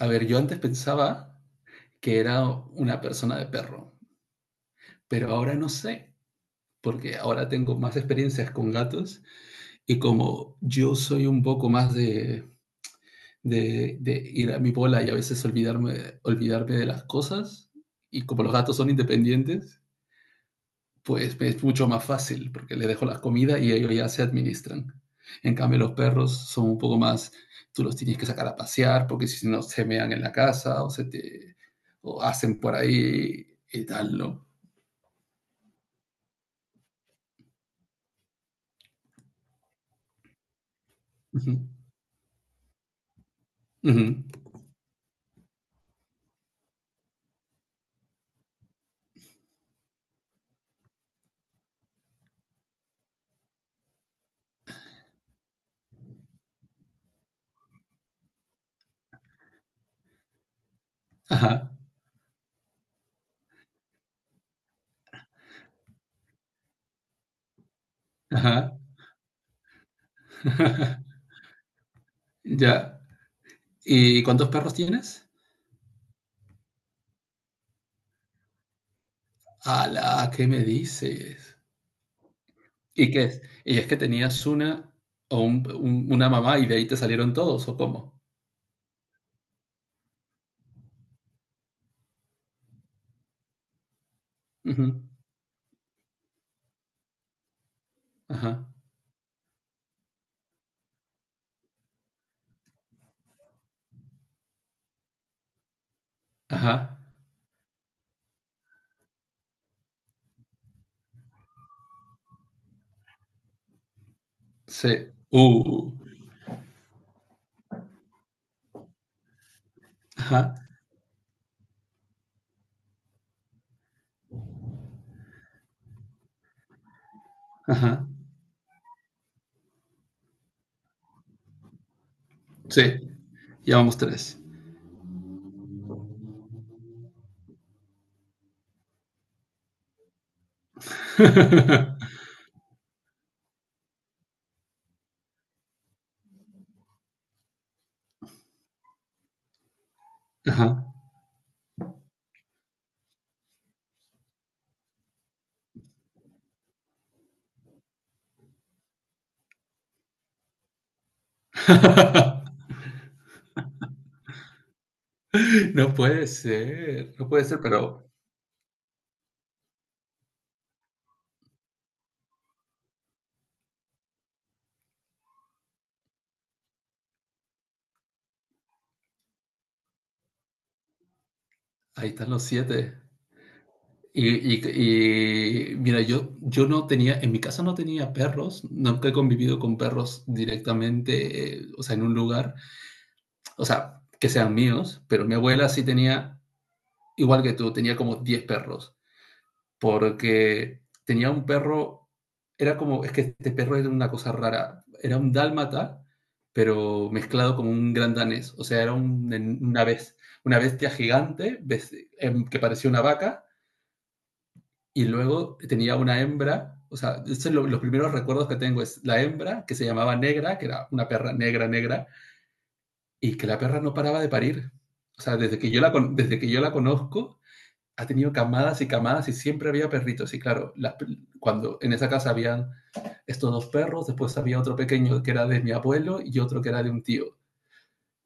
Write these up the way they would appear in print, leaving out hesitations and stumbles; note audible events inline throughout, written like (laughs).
A ver, yo antes pensaba que era una persona de perro, pero ahora no sé, porque ahora tengo más experiencias con gatos y como yo soy un poco más de ir a mi bola y a veces olvidarme de las cosas, y como los gatos son independientes, pues es mucho más fácil porque le dejo las comidas y ellos ya se administran. En cambio, los perros son un poco más, tú los tienes que sacar a pasear porque si no se mean en la casa o se te o hacen por ahí y tal, ¿no? Ujú, ujú. Ajá, ajá. (laughs) Ya. ¿Y cuántos perros tienes? ¡Hala! ¿Qué me dices? ¿Y qué es? ¿Y es que tenías una o una mamá y de ahí te salieron todos o cómo? Ujú, ajá, ajá. Sí. Ajá. Ajá. Sí. Ya vamos tres. (laughs) Ajá. (laughs) No puede ser. No puede ser, pero ahí están los siete. Mira, yo no tenía, en mi casa no tenía perros, nunca he convivido con perros directamente, o sea, en un lugar, o sea, que sean míos, pero mi abuela sí tenía, igual que tú, tenía como 10 perros. Porque tenía un perro, era como, es que este perro era una cosa rara, era un dálmata, pero mezclado con un gran danés, o sea, era una, bes- una bestia gigante, que parecía una vaca y luego tenía una hembra, o sea, estos son los primeros recuerdos que tengo, es la hembra que se llamaba Negra, que era una perra negra, negra, y que la perra no paraba de parir. O sea, desde que yo la conozco, ha tenido camadas y camadas y siempre había perritos. Y claro, cuando en esa casa habían estos dos perros, después había otro pequeño que era de mi abuelo y otro que era de un tío.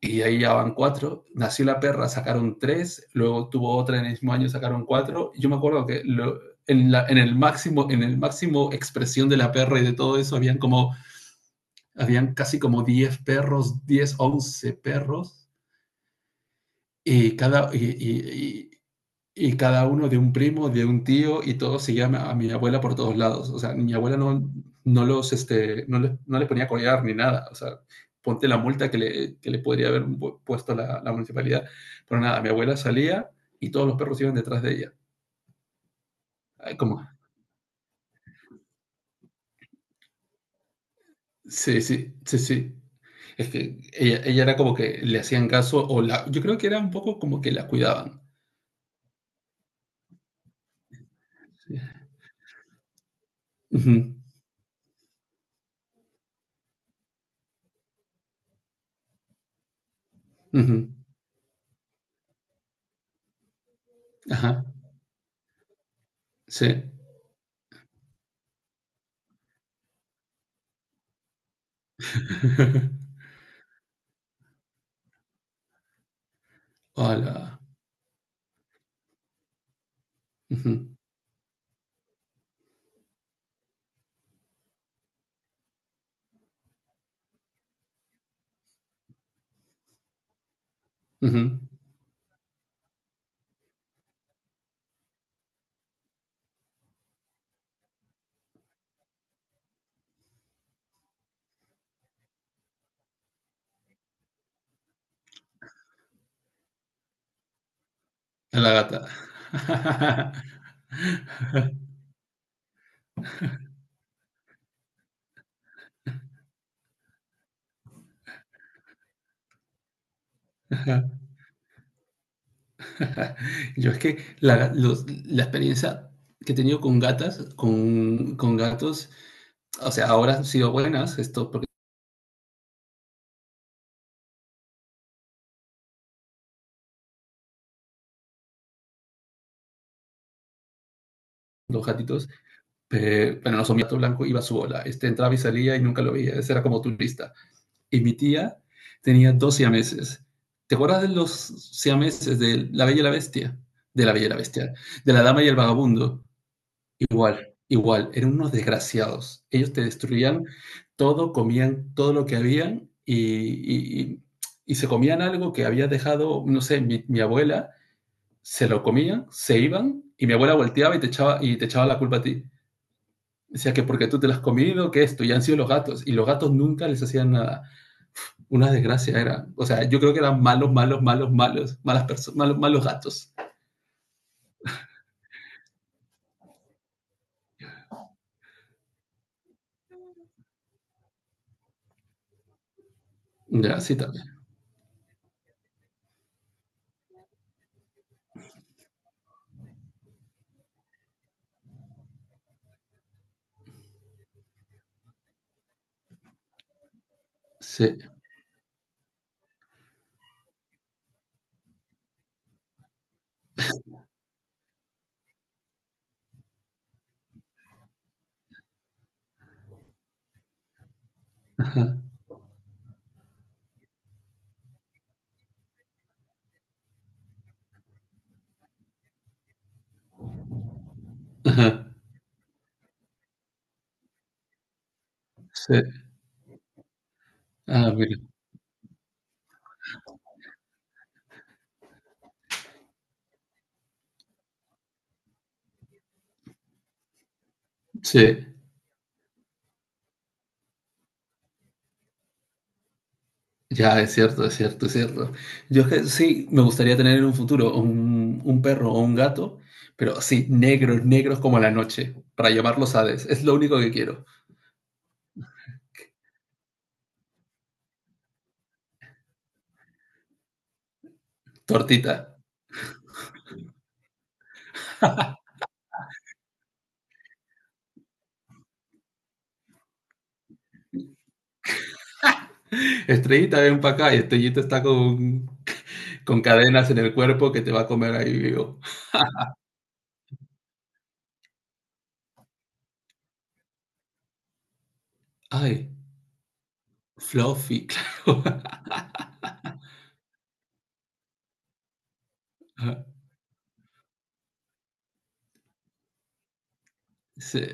Y ahí ya van cuatro. Nació la perra, sacaron tres, luego tuvo otra en el mismo año, sacaron cuatro. Yo me acuerdo que en el máximo expresión de la perra y de todo eso, habían casi como 10 perros, 10 11 perros. Y cada, y- y- y cada uno de un primo, de un tío, y todos seguían a mi abuela por todos lados. O sea, mi abuela no, no los, este, no les, no les ponía a collar ni nada. O sea, ponte la multa que le podría haber puesto la municipalidad. Pero nada, mi abuela salía y todos los perros iban detrás de ella. Ay, como, sí, sí, sí, sí. Es que ella era como que le hacían caso, o la, yo creo que era un poco como que la cuidaban. Sí. Ujú, ujú, ajá, sí. (laughs) Hola. Ujú, ujú. A la gata. (laughs) Yo es que la experiencia que he tenido con gatas, con gatos, o sea, ahora han sido buenas, esto, porque los gatitos, pero no son mi gato blanco, iba a su bola. Este entraba y salía y nunca lo veía, ese era como turista. Y mi tía tenía dos siameses. ¿Te acuerdas de los siameses de La Bella y la Bestia? De La Bella y la Bestia, de La Dama y el Vagabundo. Igual, igual, eran unos desgraciados. Ellos te destruían todo, comían todo lo que habían y se comían algo que había dejado, no sé, mi abuela, se lo comían, se iban y mi abuela volteaba y te echaba la culpa a ti. Decía que porque tú te lo has comido, que esto, y han sido los gatos, y los gatos nunca les hacían nada. Una desgracia era. O sea, yo creo que eran malos, malos, malos, malos, malas personas, malos, malos gatos. Ya, sí, también. Sí. Ajá, ajá. Sí. Ah, mira. Sí. Ya, es cierto, es cierto, es cierto. Yo es que sí, me gustaría tener en un futuro un perro o un gato, pero sí, negros, negros como la noche, para llamarlos Hades. Es lo único que quiero. Tortita. Estrellita, ven para acá y Estrellita está con cadenas en el cuerpo que te va a comer ahí vivo. Ay, Fluffy, (laughs) claro. Sí.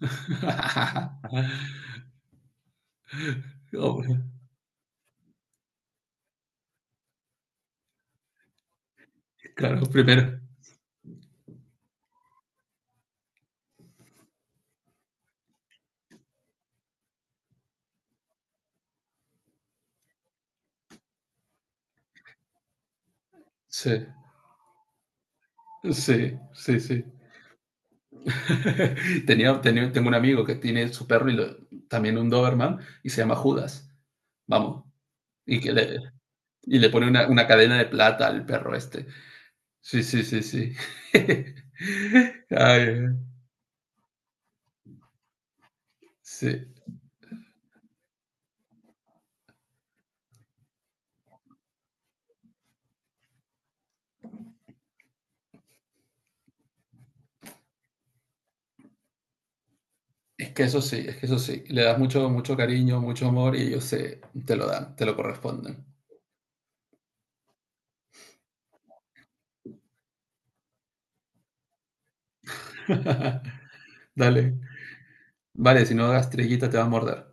(laughs) Oh, claro, primero. Sí, sí, sí, sí. (laughs) Tengo un amigo que tiene su perro y también un Doberman y se llama Judas. Vamos. Y, que le, y le pone una cadena de plata al perro este. Sí, sí, sí, sí. (laughs) Ay, sí. Es que eso sí, es que eso sí. Le das mucho, mucho cariño, mucho amor y ellos se, te lo dan, te lo corresponden. (laughs) Dale. Vale, si no hagas trillita te va a morder.